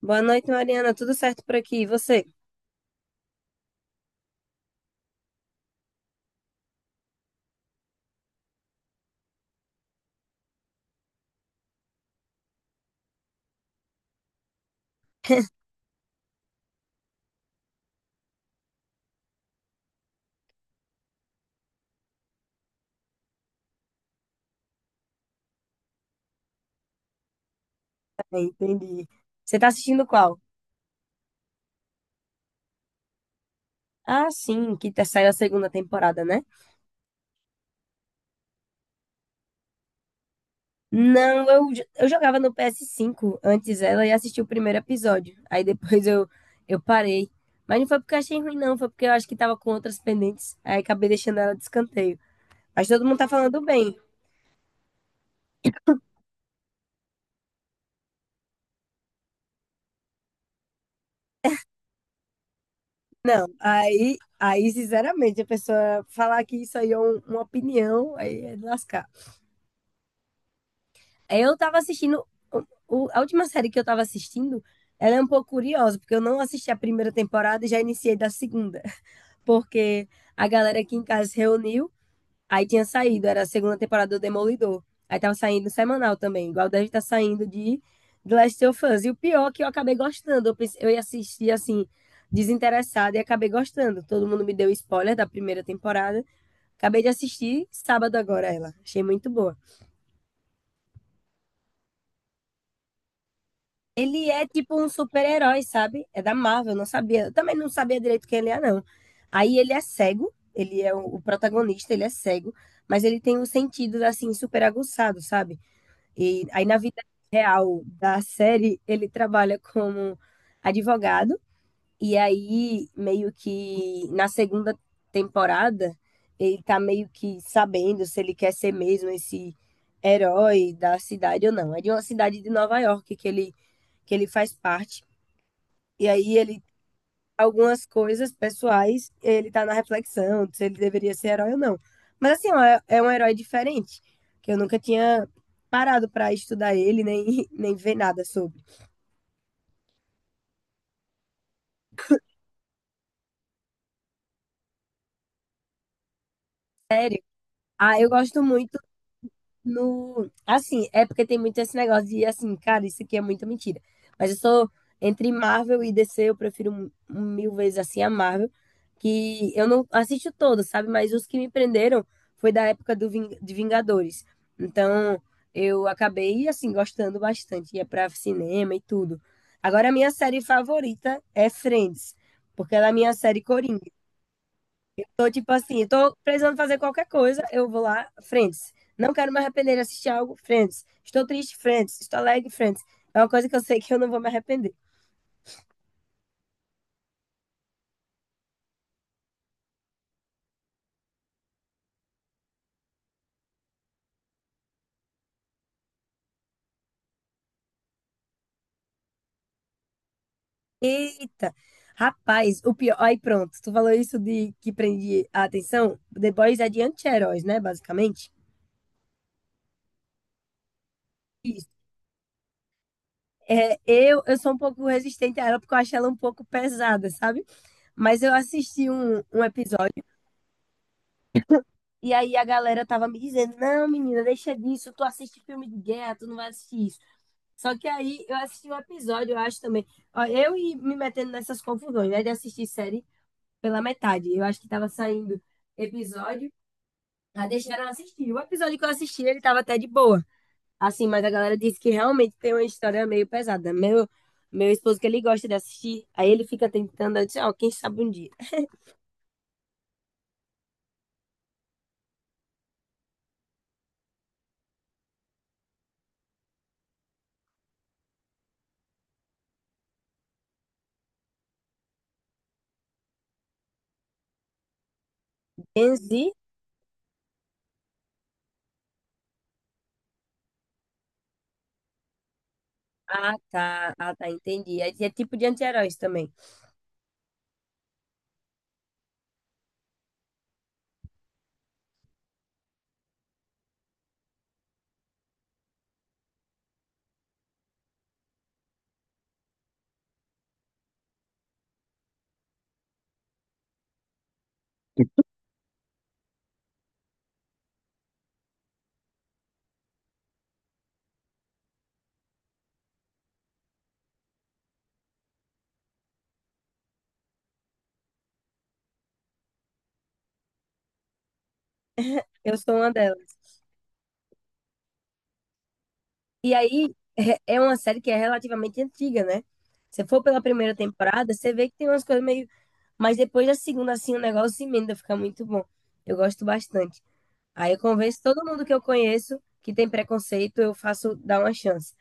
Boa noite, Mariana. Tudo certo por aqui? E você? É, entendi. Você tá assistindo qual? Ah, sim, que tá saindo a segunda temporada, né? Não, eu jogava no PS5 antes dela e assisti o primeiro episódio. Aí depois eu parei. Mas não foi porque eu achei ruim, não. Foi porque eu acho que tava com outras pendentes. Aí acabei deixando ela de escanteio. Mas todo mundo tá falando bem. Não, aí sinceramente, a pessoa falar que isso aí é uma opinião, aí é de lascar. É, eu tava assistindo. o- a última série que eu tava assistindo, ela é um pouco curiosa, porque eu não assisti a primeira temporada e já iniciei da segunda. Porque a galera aqui em casa se reuniu, aí tinha saído, era a segunda temporada do Demolidor. Aí tava saindo semanal também, igual deve estar saindo de The Last of Us. E o pior é que eu acabei gostando. Eu ia assistir assim, desinteressada, e acabei gostando. Todo mundo me deu spoiler da primeira temporada. Acabei de assistir sábado agora ela. Achei muito boa. Ele é tipo um super-herói, sabe? É da Marvel, eu não sabia. Eu também não sabia direito quem ele é, não. Aí ele é cego, ele é o protagonista, ele é cego, mas ele tem um sentido assim super aguçado, sabe? E aí na vida real da série, ele trabalha como advogado e aí meio que na segunda temporada, ele tá meio que sabendo se ele quer ser mesmo esse herói da cidade ou não. É de uma cidade de Nova York que ele faz parte. E aí ele algumas coisas pessoais, ele tá na reflexão se ele deveria ser herói ou não. Mas assim, ó, é um herói diferente, que eu nunca tinha parado para estudar ele, nem, nem ver nada sobre. Sério. Ah, eu gosto muito no. Assim, é porque tem muito esse negócio de, assim, cara, isso aqui é muita mentira. Mas eu sou. Entre Marvel e DC, eu prefiro mil vezes assim a Marvel, que eu não assisto todos, sabe? Mas os que me prenderam foi da época de Vingadores. Então, eu acabei, assim, gostando bastante. Ia pra cinema e tudo. Agora, a minha série favorita é Friends, porque ela é a minha série coringa. Tô tipo assim, tô precisando fazer qualquer coisa, eu vou lá, Friends. Não quero me arrepender de assistir algo, Friends. Estou triste, Friends. Estou alegre, Friends. É uma coisa que eu sei que eu não vou me arrepender. Eita! Rapaz, o pior. Aí pronto, tu falou isso de que prende a atenção. The Boys é de anti-heróis, né? Basicamente. Isso. É, eu sou um pouco resistente a ela porque eu acho ela um pouco pesada, sabe? Mas eu assisti um episódio e aí a galera tava me dizendo: não, menina, deixa disso. Tu assiste filme de guerra, tu não vai assistir isso. Só que aí eu assisti um episódio, eu acho também. Ó, eu e me metendo nessas confusões, né? De assistir série pela metade. Eu acho que tava saindo episódio, aí deixaram eu assistir. O episódio que eu assisti, ele tava até de boa. Assim, mas a galera disse que realmente tem uma história meio pesada. Meu esposo, que ele gosta de assistir, aí ele fica tentando, eu disse, ó, quem sabe um dia. Enzi? Ah, tá. Ah, tá, entendi. é tipo de anti-heróis também. Eu sou uma delas. E aí é uma série que é relativamente antiga, né? Se for pela primeira temporada, você vê que tem umas coisas meio. Mas depois da segunda, assim, o negócio emenda, fica muito bom. Eu gosto bastante. Aí eu convenço todo mundo que eu conheço que tem preconceito, eu faço dar uma chance.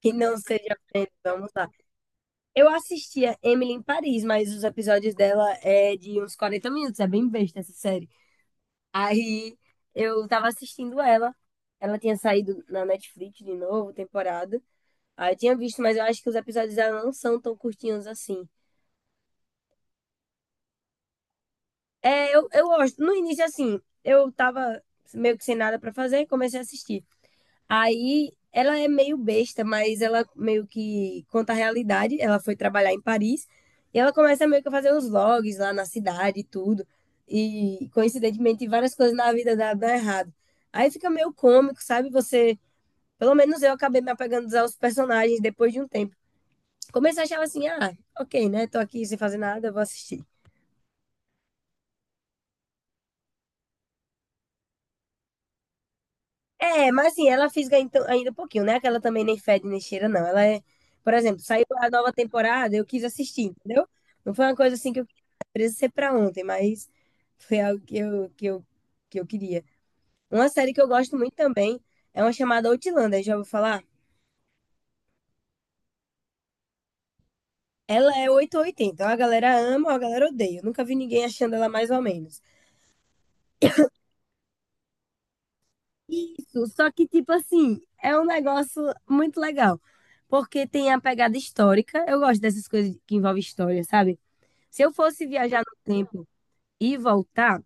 Que não seja frente, vamos lá. Eu assistia Emily em Paris, mas os episódios dela é de uns 40 minutos, é bem besta essa série. Aí eu tava assistindo ela. Ela tinha saído na Netflix de novo, temporada. Ah, eu tinha visto, mas eu acho que os episódios dela não são tão curtinhos assim. É, eu gosto. No início, assim, eu tava meio que sem nada pra fazer e comecei a assistir. Aí ela é meio besta, mas ela meio que conta a realidade. Ela foi trabalhar em Paris e ela começa meio que a fazer uns vlogs lá na cidade e tudo. E coincidentemente, várias coisas na vida dela dão errado. Aí fica meio cômico, sabe? Você. Pelo menos eu acabei me apegando aos personagens depois de um tempo. Começo eu achava assim, ah, ok, né? Tô aqui sem fazer nada, vou assistir. É, mas assim, ela fisga então, ainda um pouquinho, né? Que ela também nem fede nem cheira, não. Ela é, por exemplo, saiu a nova temporada, eu quis assistir, entendeu? Não foi uma coisa assim que eu queria presa ser pra ontem, mas foi algo que eu queria. Uma série que eu gosto muito também é uma chamada Outlander, já vou falar? Ela é 880, ou oitenta, ou a galera ama ou a galera odeia. Eu nunca vi ninguém achando ela mais ou menos. Isso, só que, tipo assim, é um negócio muito legal. Porque tem a pegada histórica. Eu gosto dessas coisas que envolvem história, sabe? Se eu fosse viajar no tempo e voltar,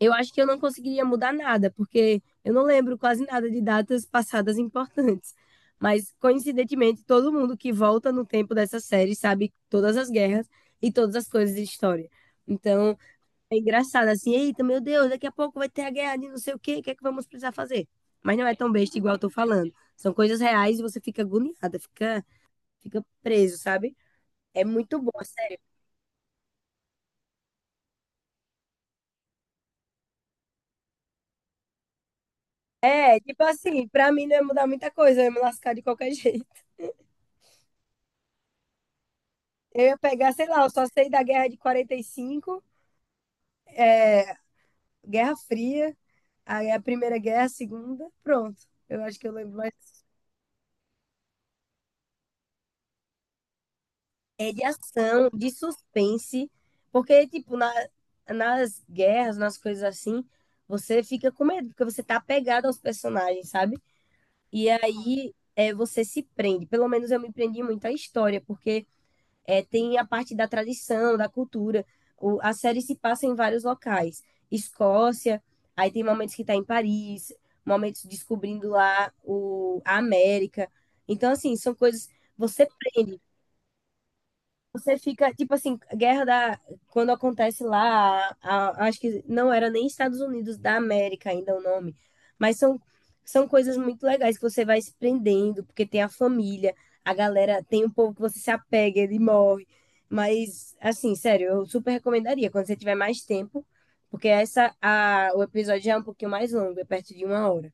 eu acho que eu não conseguiria mudar nada, porque eu não lembro quase nada de datas passadas importantes. Mas, coincidentemente, todo mundo que volta no tempo dessa série sabe todas as guerras e todas as coisas de história. Então, é engraçado assim, eita, meu Deus, daqui a pouco vai ter a guerra de não sei o quê, o que é que vamos precisar fazer? Mas não é tão besta igual eu tô falando. São coisas reais e você fica agoniada, fica preso, sabe? É muito bom, é sério. É, tipo assim, pra mim não ia mudar muita coisa, eu ia me lascar de qualquer jeito. Eu ia pegar, sei lá, eu só sei da guerra de 45, é, Guerra Fria, aí a Primeira Guerra, a Segunda, pronto. Eu acho que eu lembro mais. É de ação, de suspense, porque, tipo, nas guerras, nas coisas assim, você fica com medo, porque você tá apegado aos personagens, sabe? E aí é, você se prende. Pelo menos eu me prendi muito à história, porque é, tem a parte da tradição, da cultura. A série se passa em vários locais. Escócia, aí tem momentos que tá em Paris, momentos descobrindo lá a América. Então, assim, são coisas. Você prende. Você fica, tipo assim, guerra da. Quando acontece lá, acho que não era nem Estados Unidos da América ainda o nome, mas são coisas muito legais que você vai se prendendo, porque tem a família, a galera, tem um povo que você se apega, ele morre. Mas, assim, sério, eu super recomendaria quando você tiver mais tempo, porque essa, a, o episódio já é um pouquinho mais longo, é perto de uma hora.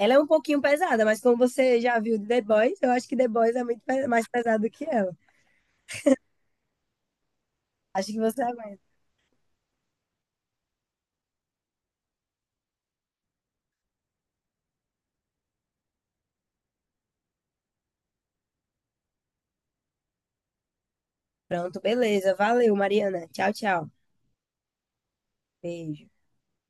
Ela é um pouquinho pesada, mas como você já viu de The Boys, eu acho que The Boys é muito mais pesado que ela. Acho que você. Pronto, beleza. Valeu, Mariana. Tchau, tchau. Beijo.